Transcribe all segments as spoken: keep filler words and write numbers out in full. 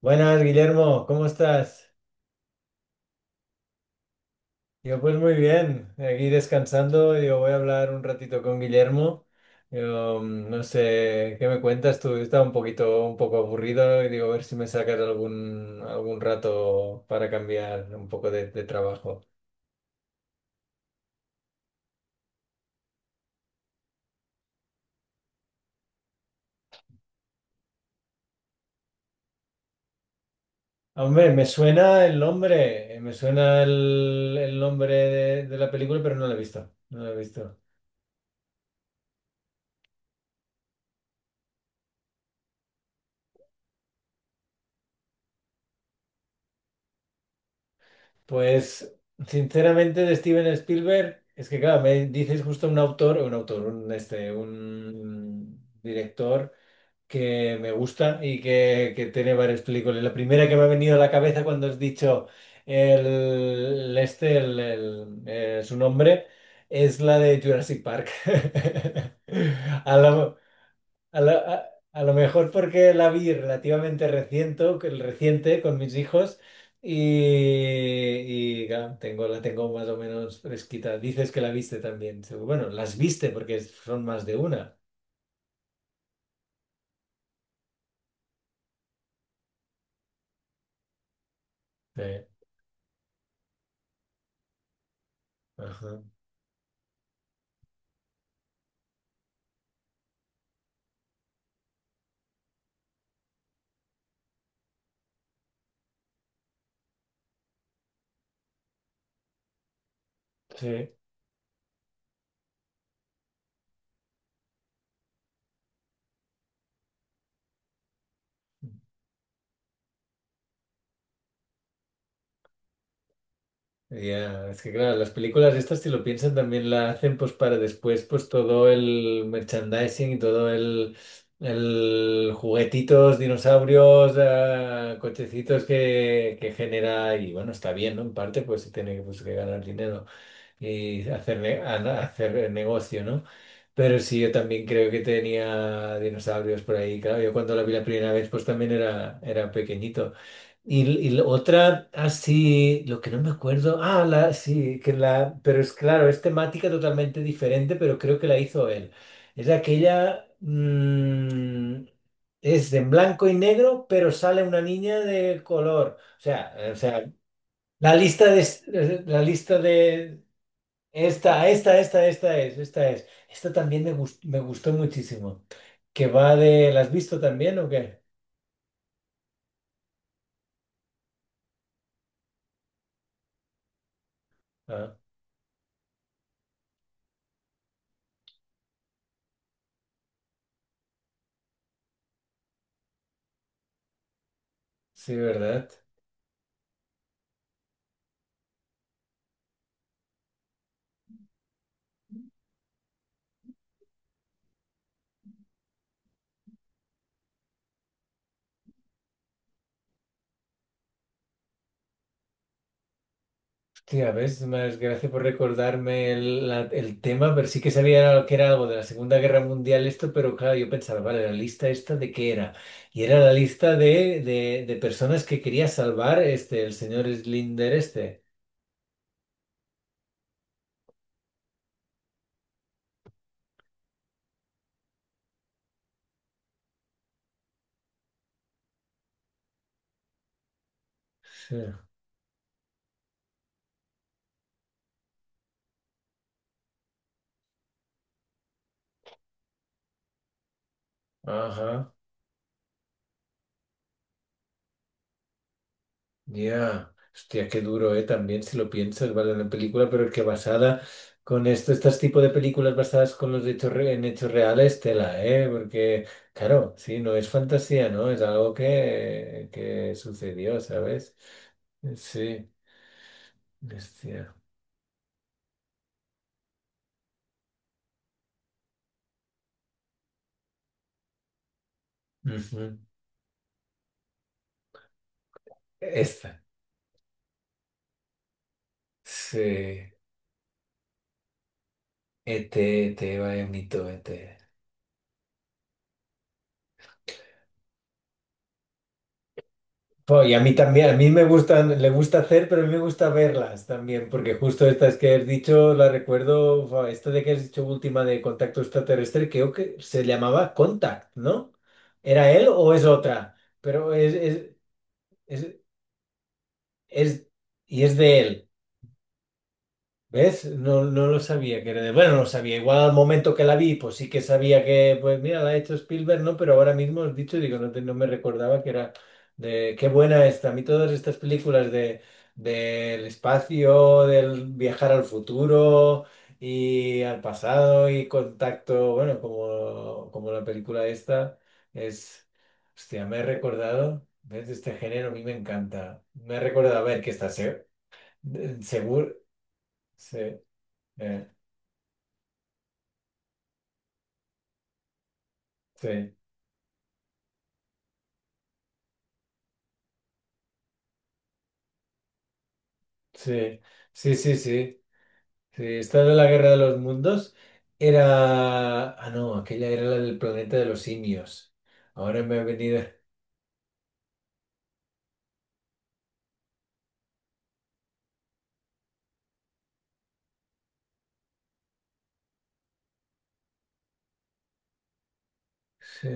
Buenas, Guillermo, ¿cómo estás? Yo pues muy bien, aquí descansando, yo voy a hablar un ratito con Guillermo. Yo, mm, no sé, ¿qué me cuentas tú? Estaba un poquito, un poco aburrido y digo, a ver si me sacas algún, algún rato para cambiar un poco de, de trabajo. Hombre, me suena el nombre, eh, me suena el, el nombre de, de la película, pero no la he visto, no la he visto. Pues, sinceramente, de Steven Spielberg, es que, claro, me dices justo un autor, un autor, un, este, un director que me gusta y que, que tiene varias películas. La primera que me ha venido a la cabeza cuando has dicho el, este, el, el, eh, su nombre, es la de Jurassic Park. A la- a lo, a- A lo mejor porque la vi relativamente reciente, el reciente con mis hijos y, y, claro, tengo, la tengo más o menos fresquita. Dices que la viste también. Seguro- Bueno, las viste porque son más de una. Sí. Ajá. Sí. Ya, es que claro, las películas estas, si lo piensan, también la hacen pues para después, pues todo el merchandising y todo el, el juguetitos, dinosaurios, eh, cochecitos que, que genera y bueno, está bien, ¿no? En parte pues se tiene que, pues, que ganar dinero y hacer, ne- a- hacer negocio, ¿no? Pero sí, yo también creo que tenía dinosaurios por ahí, claro, yo cuando la vi la primera vez pues también era, era pequeñito. Y, y la otra, así, lo que no me acuerdo, ah, la, sí, que la, pero es claro, es temática totalmente diferente, pero creo que la hizo él. Es aquella, mm, es en blanco y negro, pero sale una niña de color. O sea, eh, o sea, la lista de, eh, la lista de, esta, esta, esta, esta es, esta es. Esta también me gustó, me gustó muchísimo. Que va de, ¿la has visto también o qué? Ah, sí, ¿verdad? Tía, ves, más gracias por recordarme el, la- el tema, pero sí que sabía que era algo de la Segunda Guerra Mundial esto, pero claro, yo pensaba, vale, la lista esta de qué era. Y era la lista de, de, de personas que quería salvar este, el señor Slinder este. Sí. Ajá. Ya, hostia, qué duro, ¿eh? También si lo piensas, vale, la película, pero que basada con esto, estos tipos de películas basadas con los hechos re- en hechos reales, tela, ¿eh? Porque, claro, sí, no es fantasía, ¿no? Es algo que, que sucedió, ¿sabes? Sí, hostia. Ujú. Esta. Sí. E T E T, E T, vaya mito, E T. Jo, y a mí también, a mí me gustan, le gusta hacer, pero a mí me gusta verlas también, porque justo estas que has dicho, la recuerdo, fa, esta de que has dicho última de contacto extraterrestre, creo que se llamaba Contact, ¿no? ¿Era él o es otra? Pero es, es, es, es- y es de él. ¿Ves? No, no lo sabía que era de... Bueno, no lo sabía. Igual al momento que la vi, pues sí que sabía que, pues mira, la ha hecho Spielberg, ¿no? Pero ahora mismo has dicho, digo, no, te- no me recordaba que era de... Qué buena esta. A mí todas estas películas de, del espacio, del viajar al futuro y al pasado y contacto, bueno, como, como la película esta, es... Hostia, me he recordado, ¿ves? Este género a mí me encanta. Me he recordado, a ver, que está seguro. Seguro. Sí. Eh, sí, sí, sí, sí, sí, sí. Esta de la Guerra de los Mundos era... Ah, no, aquella era la del planeta de los simios. Ahora me ha venido... Sí,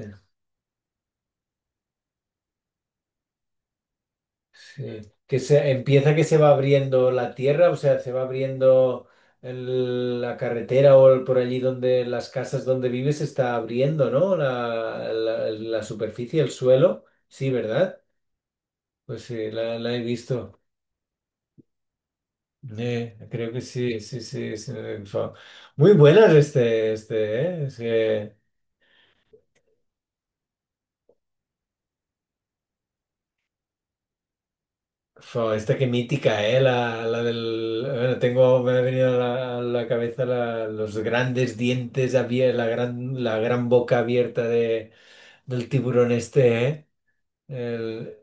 sí. Que se empieza que se va abriendo la tierra, o sea, se va abriendo el- la carretera o el- por allí donde las casas donde vives se está abriendo, ¿no? La, la, la superficie, el suelo. Sí, ¿verdad? Pues sí, la, la he visto. Eh, creo que sí, sí, sí, sí, fue. Muy buenas este, este, eh, es que, fue esta que mítica, eh, la, la del, bueno, tengo, me ha venido a la, a la cabeza la- los grandes dientes abiertos, la gran, la gran boca abierta de, del tiburón este, eh, el...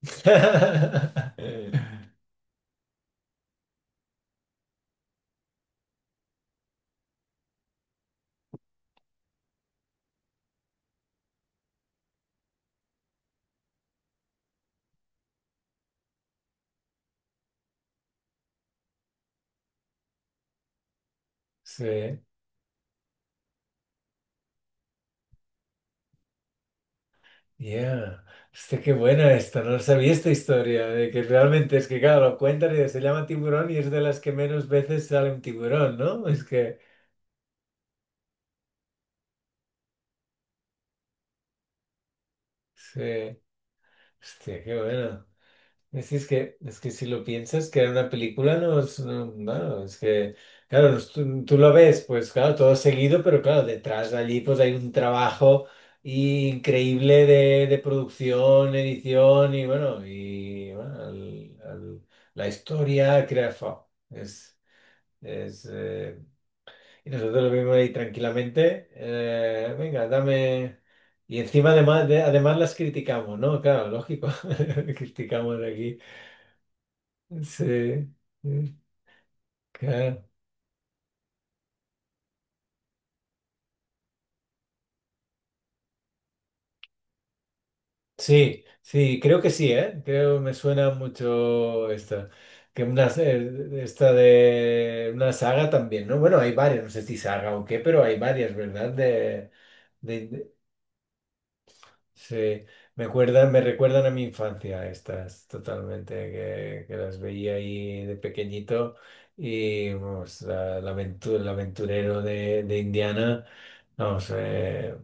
Sí. Yeah. Este qué buena esta, no sabía esta historia, de que realmente es que, claro, lo cuentan y se llama tiburón y es de las que menos veces sale un tiburón, ¿no? Es que, sí, hostia, qué buena. Es, es que, es que si lo piensas, crear una película no es, no, bueno, es que, claro, no es- tú, tú lo ves, pues claro, todo seguido, pero claro, detrás de allí pues hay un trabajo increíble de, de producción, edición y bueno, y bueno, al- al- la historia, crea, fa, es, es, eh, y nosotros lo vimos ahí tranquilamente, eh, venga, dame, y encima además, de- además las criticamos, ¿no? Claro, lógico, criticamos aquí. Sí, sí, claro. Sí, sí, creo que sí, ¿eh? Creo me suena mucho esta. Que una, eh, esta de una saga también, ¿no? Bueno, hay varias, no sé si saga o qué, pero hay varias, ¿verdad? De, de- de- sí, me acuerdan, me recuerdan a mi infancia estas, totalmente, que, que las veía ahí de pequeñito y, vamos, la, la aventu- el aventurero de, de Indiana. Vamos, eh,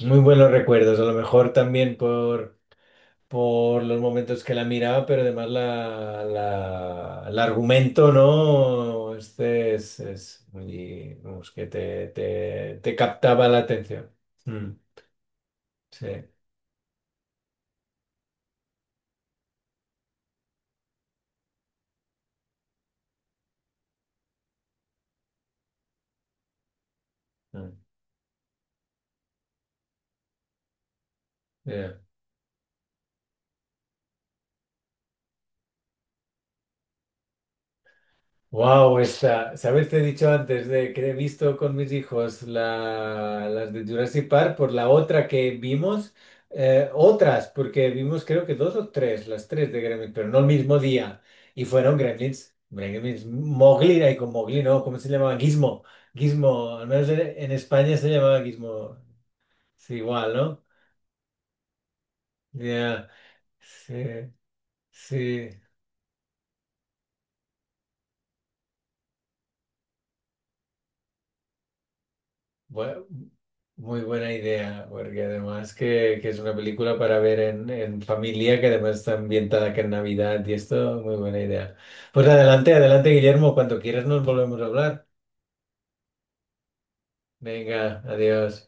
muy buenos recuerdos, a lo mejor también por, por los momentos que la miraba, pero además la, la- el argumento, ¿no? Este es, es muy, vamos, que te, te, te captaba la atención. Mm, sí. Mm, ya. Wow, esta, ¿sabes? Te he dicho antes de que he visto con mis hijos la, las de Jurassic Park por la otra que vimos, eh, otras, porque vimos creo que dos o tres, las tres de Gremlins, pero no el mismo día. Y fueron Gremlins, Gremlins, Mowgli, ahí con Mowgli, ¿no? ¿Cómo se llamaba? Gizmo, Gizmo, al menos en, en España se llamaba Gizmo, es igual, ¿no? Ya, sí, sí. Bu- muy buena idea, porque además que, que es una película para ver en, en familia, que además está ambientada que en Navidad y esto, muy buena idea. Pues adelante, adelante, Guillermo, cuando quieras nos volvemos a hablar. Venga, adiós.